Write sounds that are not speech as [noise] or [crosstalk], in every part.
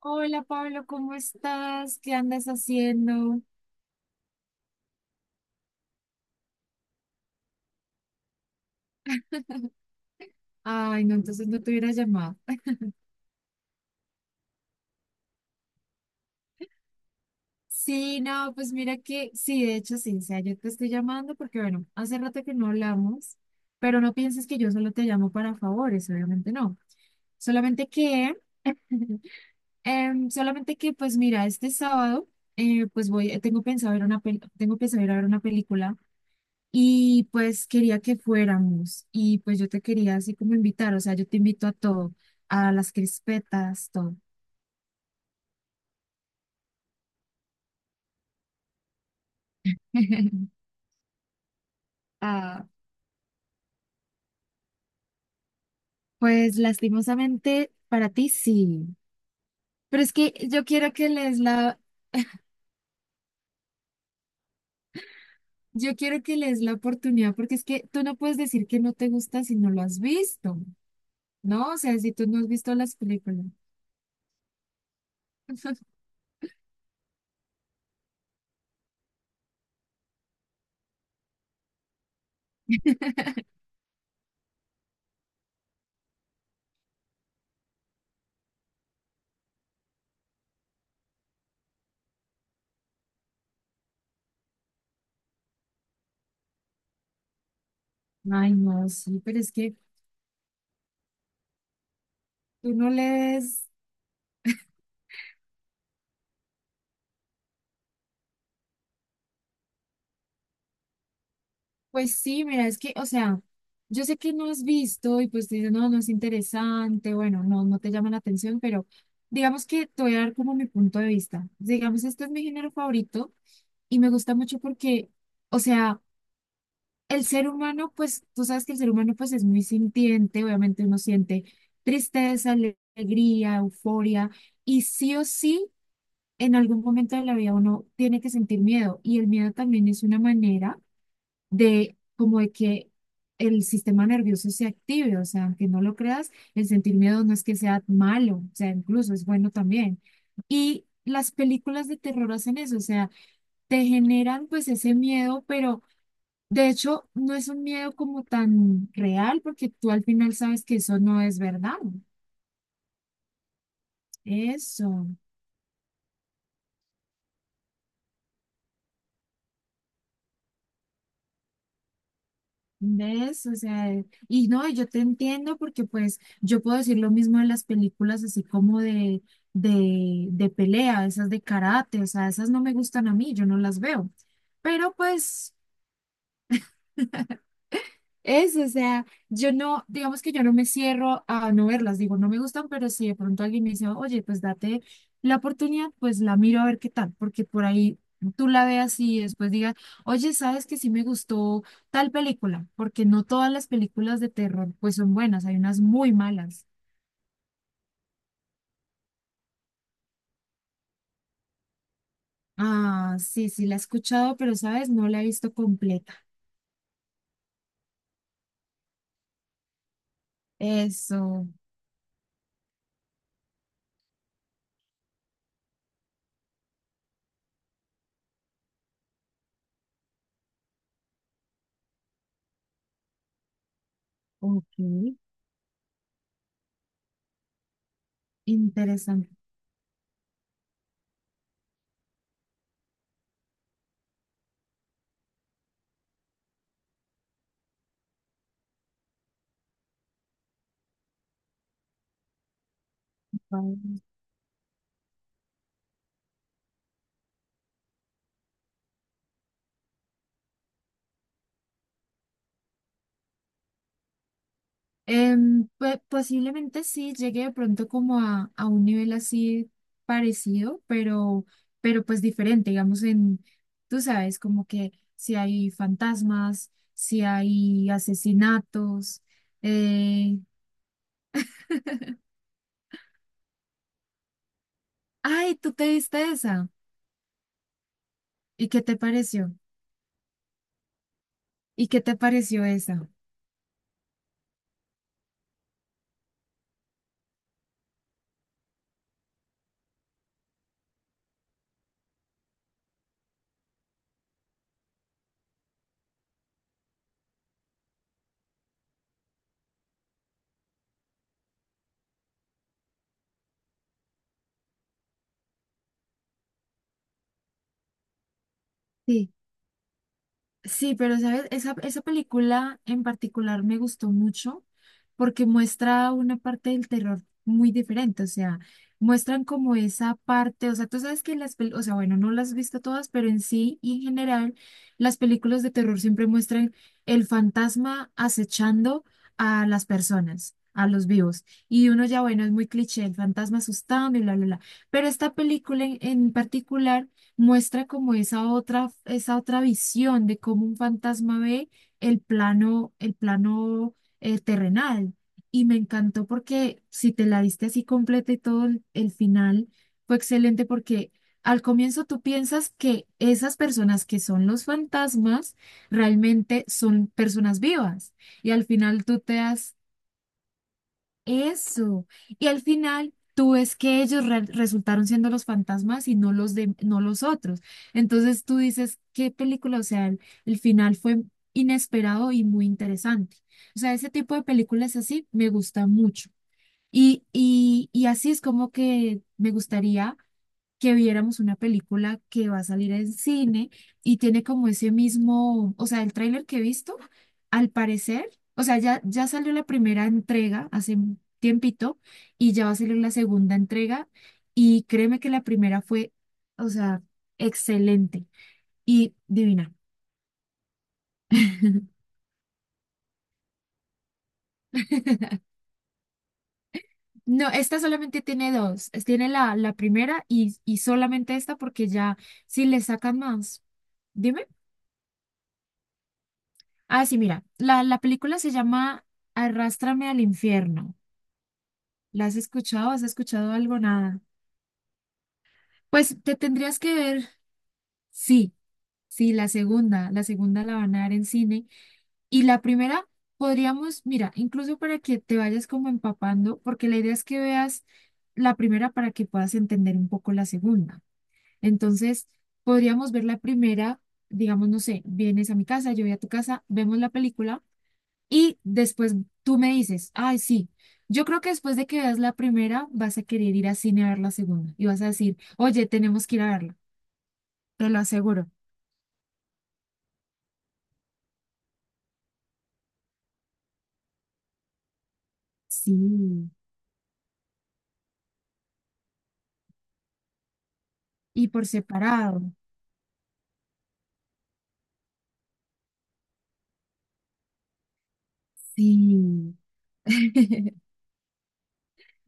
Hola Pablo, ¿cómo estás? ¿Qué andas haciendo? Ay, no, entonces no te hubiera llamado. Sí, no, pues mira que sí, de hecho sí, o sea, yo te estoy llamando porque, bueno, hace rato que no hablamos, pero no pienses que yo solo te llamo para favores, obviamente no. Solamente que, [laughs] solamente que, pues mira, este sábado, pues voy, tengo pensado ir a ver una película. Y pues quería que fuéramos y pues yo te quería así como invitar, o sea, yo te invito a todo, a las crispetas, todo. [laughs] Ah, pues lastimosamente para ti sí, pero es que yo quiero que les la oportunidad porque es que tú no puedes decir que no te gusta si no lo has visto, ¿no? O sea, si tú no has visto las películas. Ay, no, sí, pero es que tú no lees. Pues sí, mira, es que, o sea, yo sé que no has visto y pues te dices, no, no es interesante, bueno, no, no te llama la atención, pero digamos que te voy a dar como mi punto de vista. Digamos, este es mi género favorito y me gusta mucho porque, o sea, el ser humano, pues tú sabes que el ser humano pues es muy sintiente, obviamente uno siente tristeza, alegría, euforia y sí o sí, en algún momento de la vida uno tiene que sentir miedo y el miedo también es una manera de como de que el sistema nervioso se active, o sea, aunque no lo creas, el sentir miedo no es que sea malo, o sea, incluso es bueno también. Y las películas de terror hacen eso, o sea, te generan pues ese miedo, pero de hecho no es un miedo como tan real porque tú al final sabes que eso no es verdad. Eso. ¿Ves? O sea, y no, yo te entiendo porque pues yo puedo decir lo mismo de las películas así como de pelea, esas de karate, o sea, esas no me gustan a mí, yo no las veo. Pero pues es, o sea, yo no, digamos que yo no me cierro a no verlas, digo, no me gustan, pero si de pronto alguien me dice, oye, pues date la oportunidad, pues la miro a ver qué tal, porque por ahí tú la veas y después digas, oye, sabes que sí me gustó tal película, porque no todas las películas de terror pues son buenas, hay unas muy malas. Ah, sí, sí, la he escuchado, pero sabes, no la he visto completa. Eso. Ok. Interesante. Posiblemente sí llegue de pronto como a un nivel así parecido, pero pues diferente, digamos en, tú sabes, como que si hay fantasmas, si hay asesinatos. Eh... [laughs] Ay, tú te viste esa. ¿Y qué te pareció? ¿Y qué te pareció esa? Sí, pero sabes, esa película en particular me gustó mucho porque muestra una parte del terror muy diferente, o sea, muestran como esa parte, o sea, tú sabes que o sea, bueno, no las has visto todas, pero en sí y en general, las películas de terror siempre muestran el fantasma acechando a las personas, a los vivos. Y uno ya, bueno, es muy cliché, el fantasma asustando y bla, bla, bla. Pero esta película en particular muestra como esa otra visión de cómo un fantasma ve el plano, el plano, terrenal. Y me encantó porque si te la diste así completa y todo el final fue excelente porque al comienzo tú piensas que esas personas que son los fantasmas realmente son personas vivas. Y al final tú te das eso. Y al final tú ves que ellos resultaron siendo los fantasmas y no los de, no los otros. Entonces tú dices, qué película, o sea, el final fue inesperado y muy interesante. O sea, ese tipo de películas así me gusta mucho. Y así es como que me gustaría que viéramos una película que va a salir en cine y tiene como ese mismo, o sea, el tráiler que he visto, al parecer, o sea, ya, ya salió la primera entrega hace un tiempito y ya va a salir la segunda entrega y créeme que la primera fue, o sea, excelente y divina. [laughs] No, esta solamente tiene dos. Tiene la, la primera y solamente esta porque ya si le sacan más. Dime. Ah, sí, mira, la película se llama Arrástrame al Infierno. ¿La has escuchado? ¿Has escuchado algo? Nada. Pues te tendrías que ver, sí, sí, la segunda, la segunda la van a dar en cine. Y la primera podríamos, mira, incluso para que te vayas como empapando, porque la idea es que veas la primera para que puedas entender un poco la segunda. Entonces, podríamos ver la primera, digamos, no sé, vienes a mi casa, yo voy a tu casa, vemos la película. Y después tú me dices, ay, sí, yo creo que después de que veas la primera, vas a querer ir al cine a ver la segunda. Y vas a decir, oye, tenemos que ir a verla, te lo aseguro. Sí. Y por separado. Sí. [laughs]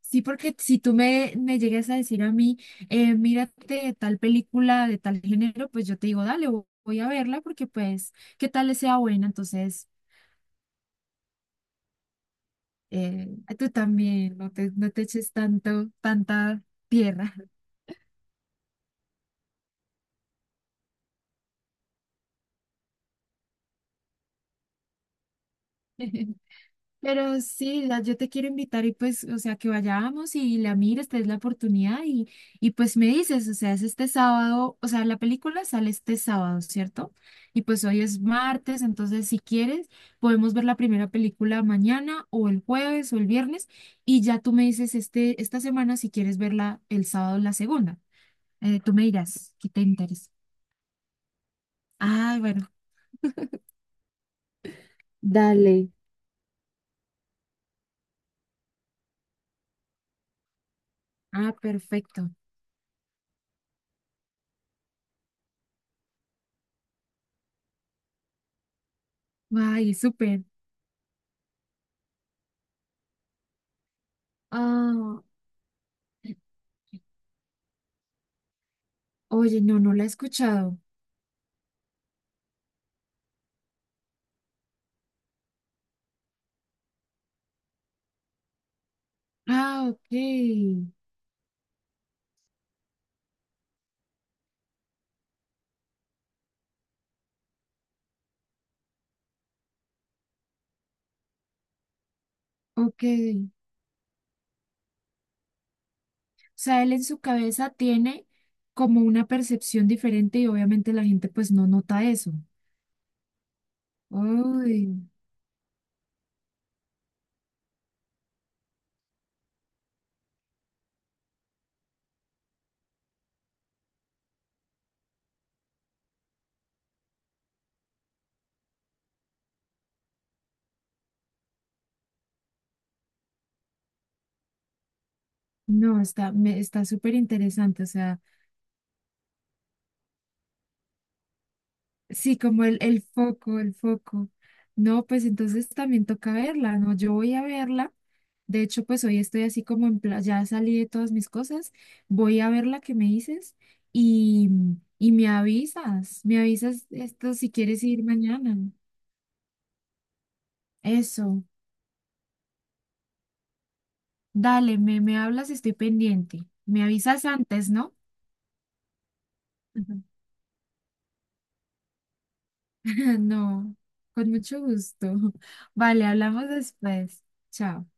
Sí, porque si tú me, me llegas a decir a mí, mírate tal película de tal género, pues yo te digo, dale, voy a verla porque pues, ¿qué tal le sea buena? Entonces, eh, tú también, no te, no te eches tanto, tanta tierra. [laughs] Pero sí, yo te quiero invitar y pues, o sea, que vayamos y la mires, te des la oportunidad y pues me dices, o sea, es este sábado, o sea, la película sale este sábado, ¿cierto? Y pues hoy es martes, entonces si quieres, podemos ver la primera película mañana o el jueves o el viernes y ya tú me dices este, esta semana si quieres verla el sábado la segunda. Tú me dirás, ¿qué te interesa? Ah, bueno. Dale. Ah, perfecto. Ay, súper. Ah. Oye, no, no la he escuchado. Ah, ok, ok. O sea, él en su cabeza tiene como una percepción diferente y obviamente la gente pues no nota eso. Uy, no, está, me, está súper interesante. O sea, sí, como el foco, el foco. No, pues entonces también toca verla, ¿no? Yo voy a verla. De hecho, pues hoy estoy así como en plan, ya salí de todas mis cosas. Voy a ver la que me dices y, y me avisas esto si quieres ir mañana. Eso, dale, me hablas, estoy pendiente. Me avisas antes, ¿no? Ujú. [laughs] No, con mucho gusto. [laughs] Vale, hablamos después. Chao.